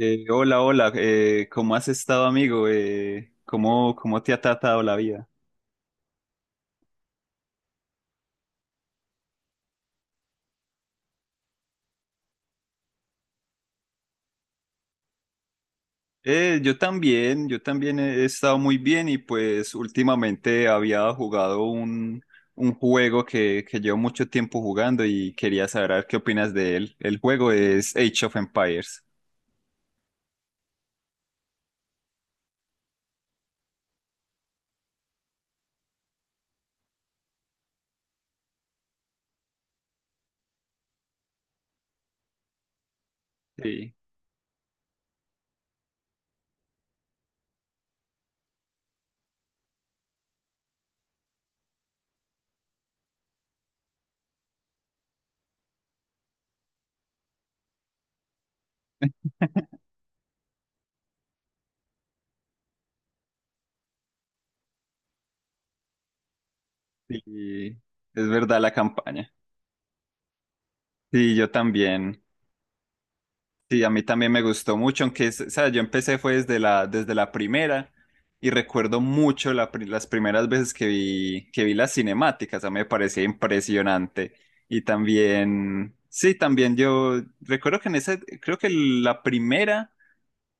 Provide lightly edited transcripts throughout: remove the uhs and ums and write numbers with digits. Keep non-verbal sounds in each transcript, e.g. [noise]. Hola, hola, ¿cómo has estado, amigo? ¿Cómo te ha tratado la vida? Yo también, yo también he estado muy bien y pues últimamente había jugado un juego que llevo mucho tiempo jugando y quería saber a ver qué opinas de él. El juego es Age of Empires. Sí, sí, es verdad la campaña. Sí, yo también. Sí, a mí también me gustó mucho, aunque, o sea, yo empecé fue desde desde la primera y recuerdo mucho las primeras veces que vi las cinemáticas, a mí me parecía impresionante. Y también, sí, también yo recuerdo que en esa, creo que la primera.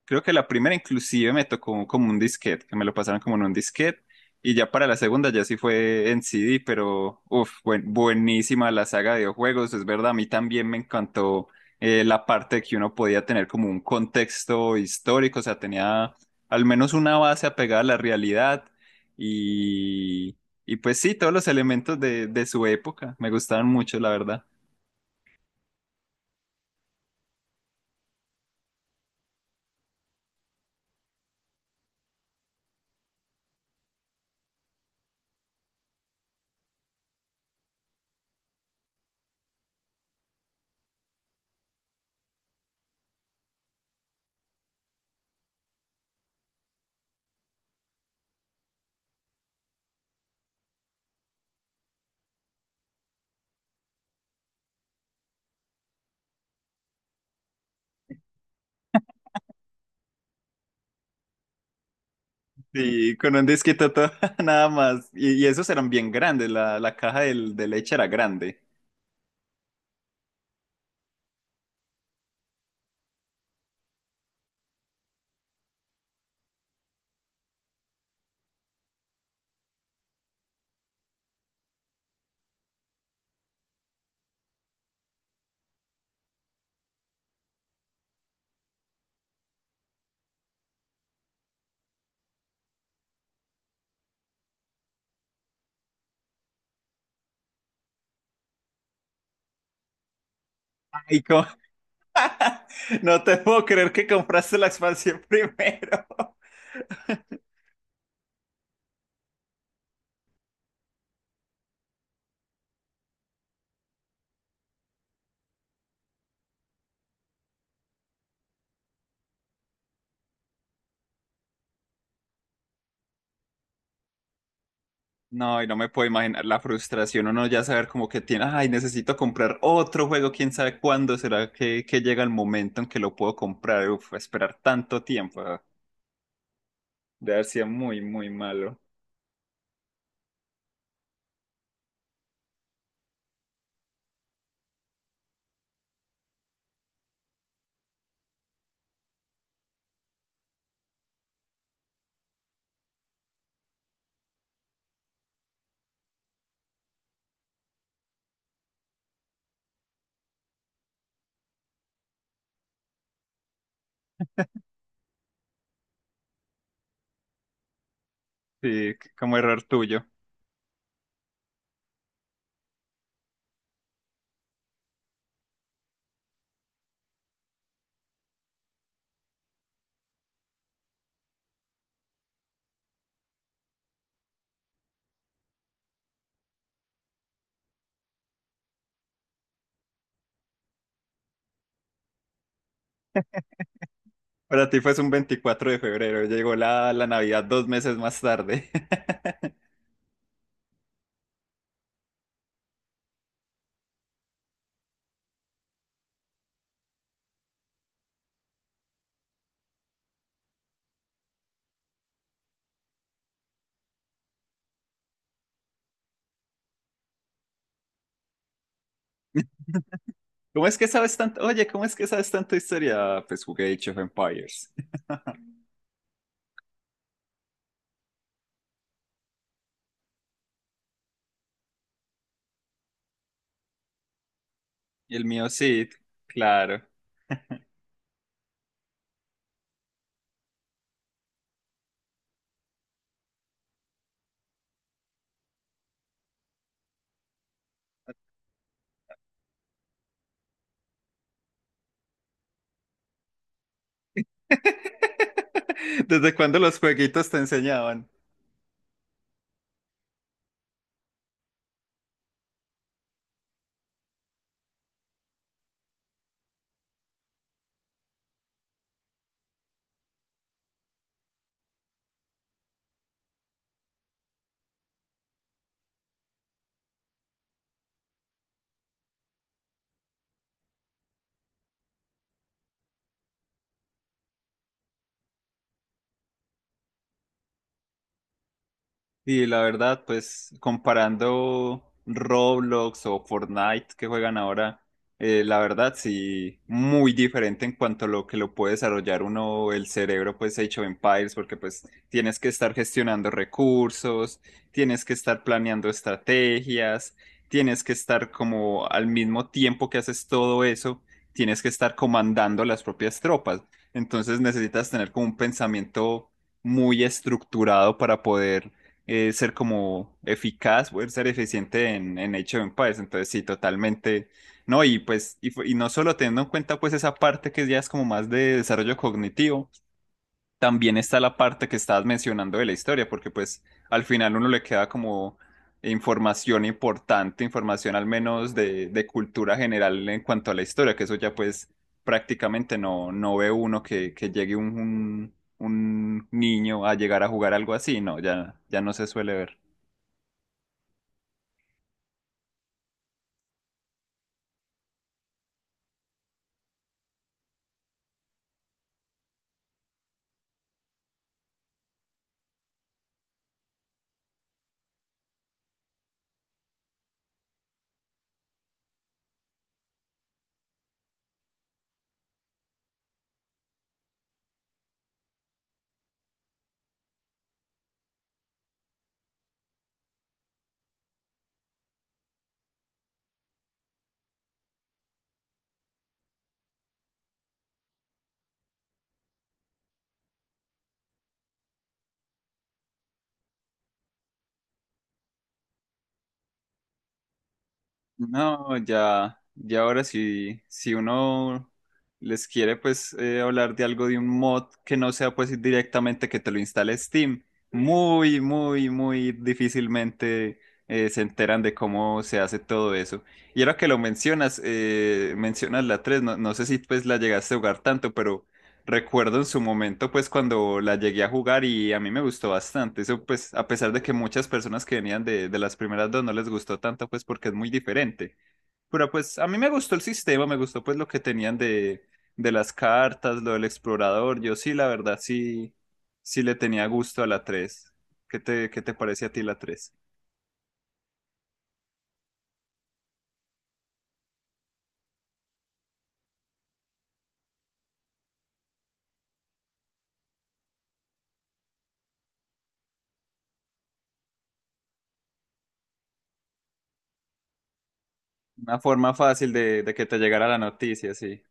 Creo que la primera inclusive me tocó como un disquete, que me lo pasaron como en un disquete. Y ya para la segunda ya sí fue en CD, pero uff, buenísima la saga de videojuegos, es verdad, a mí también me encantó la parte de que uno podía tener como un contexto histórico, o sea, tenía al menos una base apegada a la realidad y, y pues sí, todos los elementos de su época me gustaban mucho, la verdad. Sí, con un disquito todo, [laughs] nada más. Y esos eran bien grandes, la caja de leche era grande. Ay, [laughs] no te puedo creer que compraste la expansión [laughs] primero. No, y no me puedo imaginar la frustración, uno ya saber como que tiene, ay, necesito comprar otro juego, quién sabe cuándo será que llega el momento en que lo puedo comprar, uf, esperar tanto tiempo, de haber sido muy, muy malo. Sí, como error tuyo. Para ti fue un 24 de febrero, llegó la Navidad 2 meses más tarde. [laughs] ¿Cómo es que sabes tanto? Oye, ¿cómo es que sabes tanto historia? Ah, pues jugué Age of Empires. Y el mío Sid, claro. [laughs] ¿Desde cuándo los jueguitos te enseñaban? Y la verdad, pues comparando Roblox o Fortnite que juegan ahora, la verdad sí, muy diferente en cuanto a lo que lo puede desarrollar uno el cerebro, pues Age of Empires, porque pues tienes que estar gestionando recursos, tienes que estar planeando estrategias, tienes que estar como al mismo tiempo que haces todo eso, tienes que estar comandando las propias tropas. Entonces necesitas tener como un pensamiento muy estructurado para poder ser como eficaz, poder ser eficiente en, Age of Empires. Entonces, sí, totalmente. No, y no solo teniendo en cuenta pues esa parte que ya es como más de desarrollo cognitivo, también está la parte que estabas mencionando de la historia, porque pues al final uno le queda como información importante, información al menos de cultura general en cuanto a la historia, que eso ya pues prácticamente no, no ve uno que llegue un niño a llegar a jugar algo así, no, ya, ya no se suele ver. No, ya, ya ahora sí, si uno les quiere pues hablar de algo de un mod que no sea pues directamente que te lo instale Steam, muy, muy, muy difícilmente se enteran de cómo se hace todo eso. Y ahora que lo mencionas, mencionas la 3, no, no sé si pues la llegaste a jugar tanto, pero recuerdo en su momento, pues cuando la llegué a jugar y a mí me gustó bastante. Eso, pues, a pesar de que muchas personas que venían de las primeras dos no les gustó tanto, pues porque es muy diferente. Pero pues a mí me gustó el sistema, me gustó pues lo que tenían de las cartas, lo del explorador. Yo sí, la verdad, sí, sí le tenía gusto a la 3. ¿Qué te parece a ti la tres? Una forma fácil de que te llegara la noticia, sí.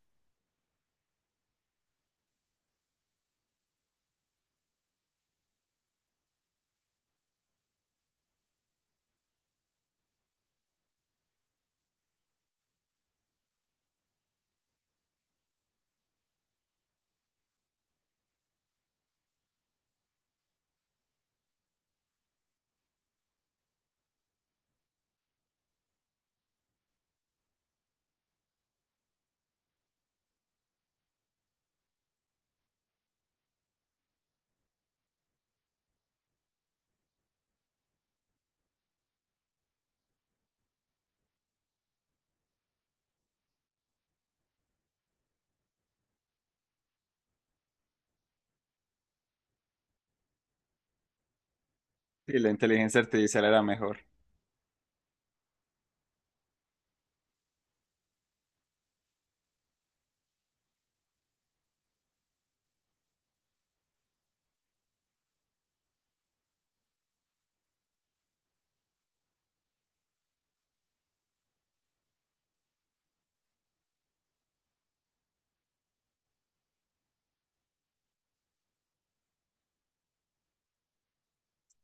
Y la inteligencia artificial era mejor.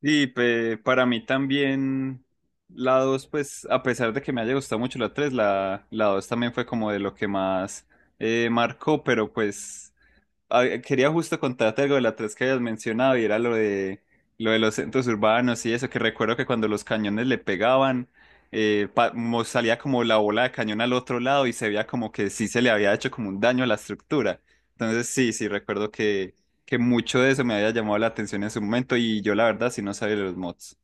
Y para mí también la 2, pues a pesar de que me haya gustado mucho la 3, la 2 también fue como de lo que más marcó, pero pues quería justo contarte algo de la tres que habías mencionado y era lo de los centros urbanos y eso, que recuerdo que cuando los cañones le pegaban, salía como la bola de cañón al otro lado y se veía como que sí se le había hecho como un daño a la estructura. Entonces sí, sí, recuerdo que mucho de eso me había llamado la atención en su momento y yo la verdad sí no sabía de los mods.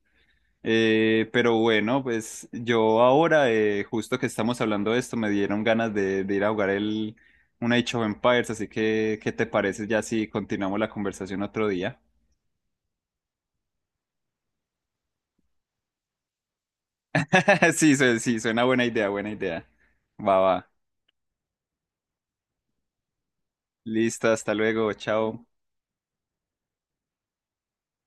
Pero bueno, pues yo ahora, justo que estamos hablando de esto, me dieron ganas de ir a jugar un Age of Empires, así que, ¿qué te parece ya si continuamos la conversación otro día? [laughs] Sí, sí, suena buena idea, buena idea. Va, va. Listo, hasta luego, chao.